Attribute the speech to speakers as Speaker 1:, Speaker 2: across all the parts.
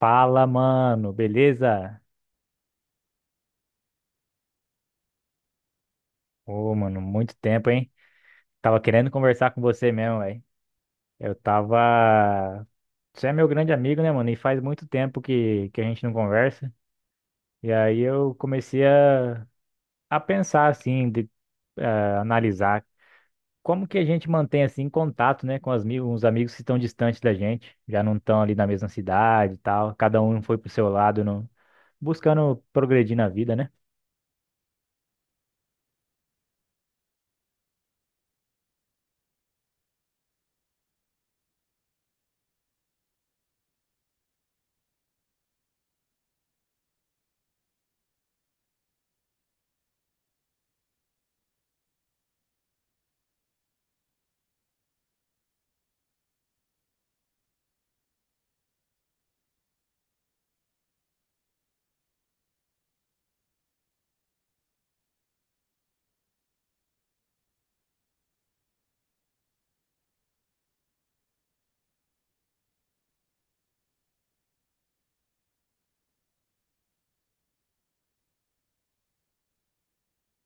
Speaker 1: Fala, mano, beleza? Ô, mano, muito tempo, hein? Tava querendo conversar com você mesmo, velho. Eu tava. Você é meu grande amigo, né, mano? E faz muito tempo que a gente não conversa. E aí eu comecei a pensar, assim, de eh, analisar como que a gente mantém, assim, contato, né, com os amigos que estão distantes da gente, já não estão ali na mesma cidade e tal, cada um foi pro seu lado, não buscando progredir na vida, né?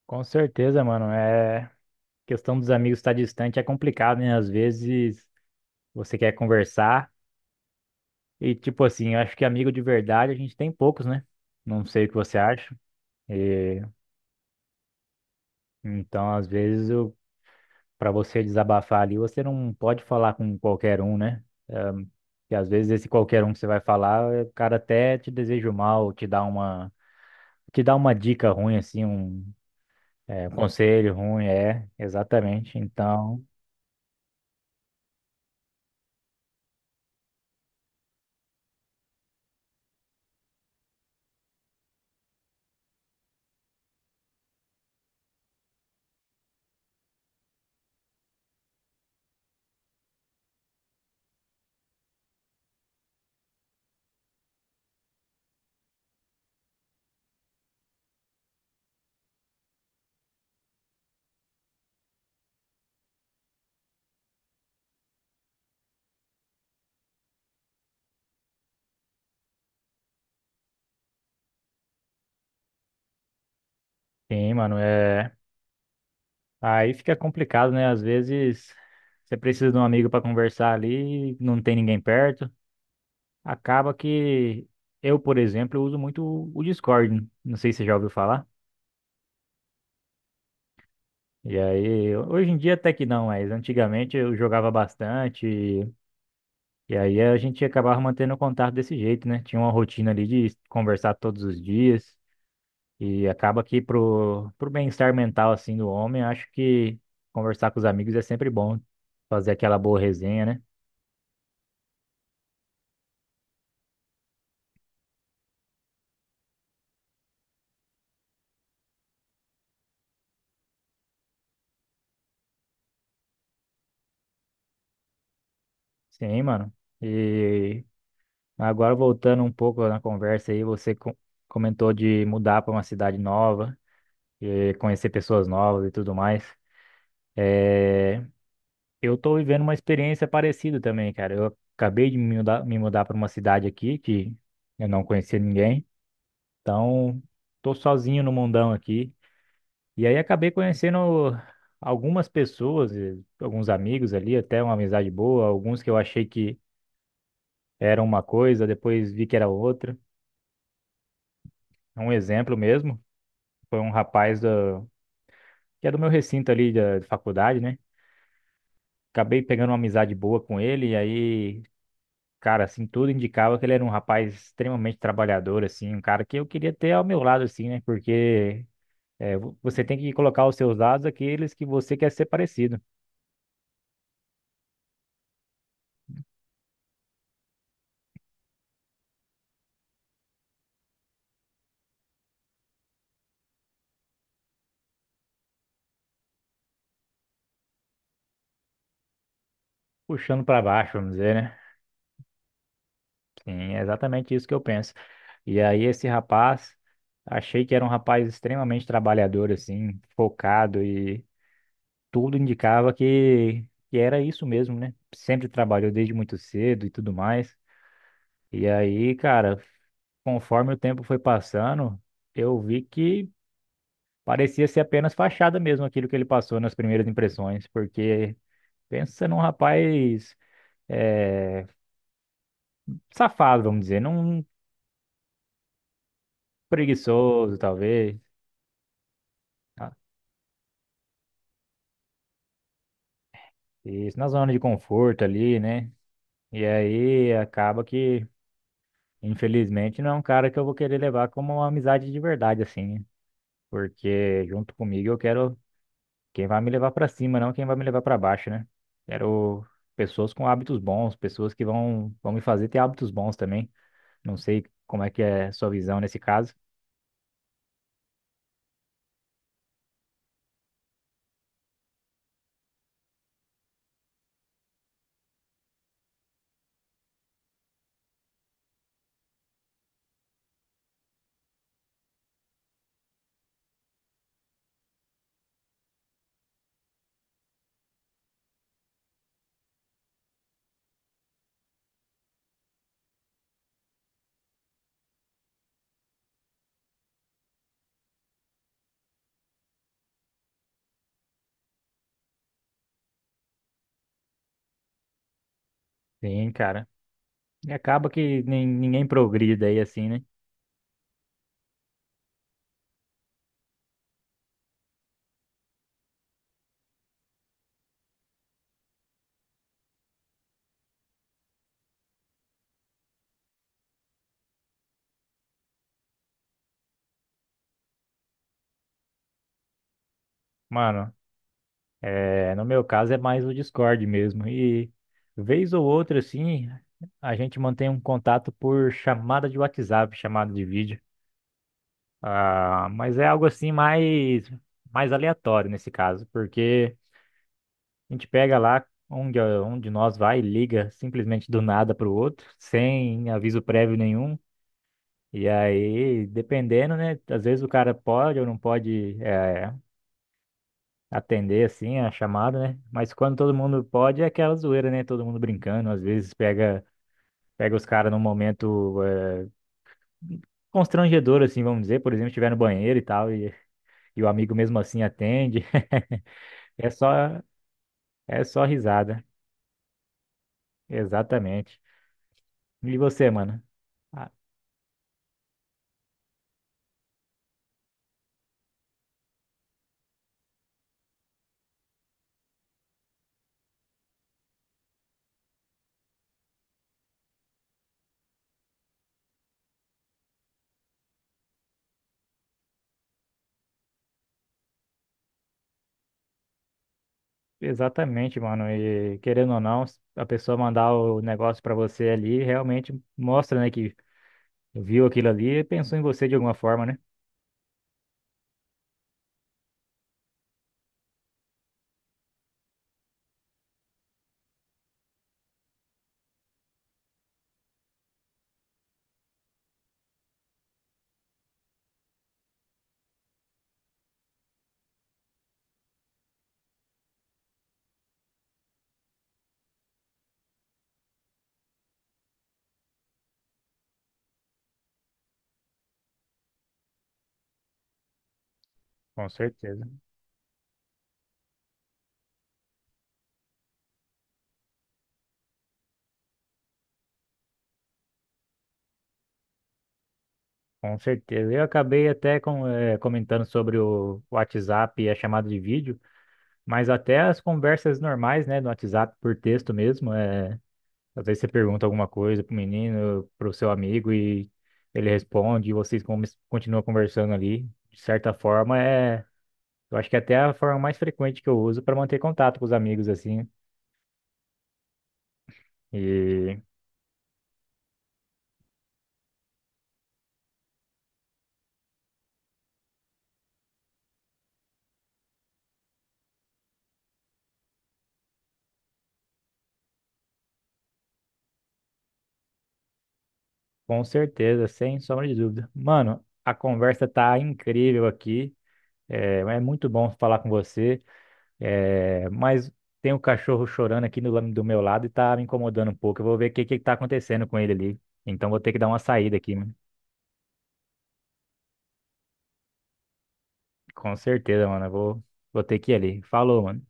Speaker 1: Com certeza, mano. É, questão dos amigos estar distante é complicado, né? Às vezes você quer conversar e, tipo assim, eu acho que amigo de verdade a gente tem poucos, né? Não sei o que você acha. E então, às vezes, eu, para você desabafar ali, você não pode falar com qualquer um, né? Um, e às vezes esse qualquer um que você vai falar, é, o cara até te deseja o mal, te dá uma dica ruim, assim, um, é, um conselho ruim, é, exatamente. Então, sim, mano, é. Aí fica complicado, né? Às vezes você precisa de um amigo para conversar ali, não tem ninguém perto. Acaba que eu, por exemplo, uso muito o Discord. Não sei se você já ouviu falar. E aí, hoje em dia até que não, mas antigamente eu jogava bastante. E aí a gente acabava mantendo o contato desse jeito, né? Tinha uma rotina ali de conversar todos os dias. E acaba que pro bem-estar mental assim do homem, acho que conversar com os amigos é sempre bom. Fazer aquela boa resenha, né? Sim, mano. E agora voltando um pouco na conversa aí, comentou de mudar para uma cidade nova, e conhecer pessoas novas e tudo mais. É, eu tô vivendo uma experiência parecida também, cara. Eu acabei me mudar para uma cidade aqui que eu não conhecia ninguém. Então, tô sozinho no mundão aqui. E aí acabei conhecendo algumas pessoas, e alguns amigos ali, até uma amizade boa, alguns que eu achei que era uma coisa, depois vi que era outra. É um exemplo mesmo. Foi um rapaz da que é do meu recinto ali da de faculdade, né? Acabei pegando uma amizade boa com ele, e aí, cara, assim, tudo indicava que ele era um rapaz extremamente trabalhador, assim, um cara que eu queria ter ao meu lado, assim, né? Porque é, você tem que colocar os seus lados aqueles que você quer ser parecido, puxando pra baixo, vamos dizer, né? Sim, é exatamente isso que eu penso. E aí, esse rapaz, achei que era um rapaz extremamente trabalhador, assim, focado e tudo indicava que era isso mesmo, né? Sempre trabalhou desde muito cedo e tudo mais. E aí, cara, conforme o tempo foi passando, eu vi que parecia ser apenas fachada mesmo aquilo que ele passou nas primeiras impressões, porque pensa num rapaz eh, safado, vamos dizer, num preguiçoso, talvez, tá? Isso na zona de conforto ali, né? E aí acaba que, infelizmente, não é um cara que eu vou querer levar como uma amizade de verdade, assim, né? Porque junto comigo eu quero quem vai me levar para cima, não quem vai me levar para baixo, né? Quero pessoas com hábitos bons, pessoas que vão, vão me fazer ter hábitos bons também. Não sei como é que é a sua visão nesse caso. Sim, cara. E acaba que nem, ninguém progride daí assim, né? Mano, é, no meu caso é mais o Discord mesmo. E vez ou outra, assim, a gente mantém um contato por chamada de WhatsApp, chamada de vídeo. Ah, mas é algo assim mais, mais aleatório nesse caso, porque a gente pega lá onde nós vai e liga simplesmente do nada para o outro, sem aviso prévio nenhum. E aí, dependendo, né? Às vezes o cara pode ou não pode atender assim a chamada, né? Mas quando todo mundo pode, é aquela zoeira, né? Todo mundo brincando, às vezes pega, pega os caras num momento constrangedor, assim, vamos dizer, por exemplo, estiver no banheiro e tal, e o amigo mesmo assim atende. É só, é só risada. Exatamente. E você, mano? Ah, exatamente, mano. E querendo ou não, a pessoa mandar o negócio pra você ali realmente mostra, né, que viu aquilo ali e pensou em você de alguma forma, né? Com certeza. Com certeza. Eu acabei até com, eh, comentando sobre o WhatsApp e a chamada de vídeo, mas até as conversas normais, né, no WhatsApp por texto mesmo, eh, às vezes você pergunta alguma coisa pro menino, pro seu amigo e ele responde e continuam conversando ali. De certa forma, é, eu acho que é até é a forma mais frequente que eu uso para manter contato com os amigos assim. E com certeza, sem sombra de dúvida. Mano, a conversa tá incrível aqui. É, é muito bom falar com você. É, mas tem um cachorro chorando aqui do meu lado e tá me incomodando um pouco. Eu vou ver o que que tá acontecendo com ele ali. Então vou ter que dar uma saída aqui, mano. Com certeza, mano. Eu vou, vou ter que ir ali. Falou, mano.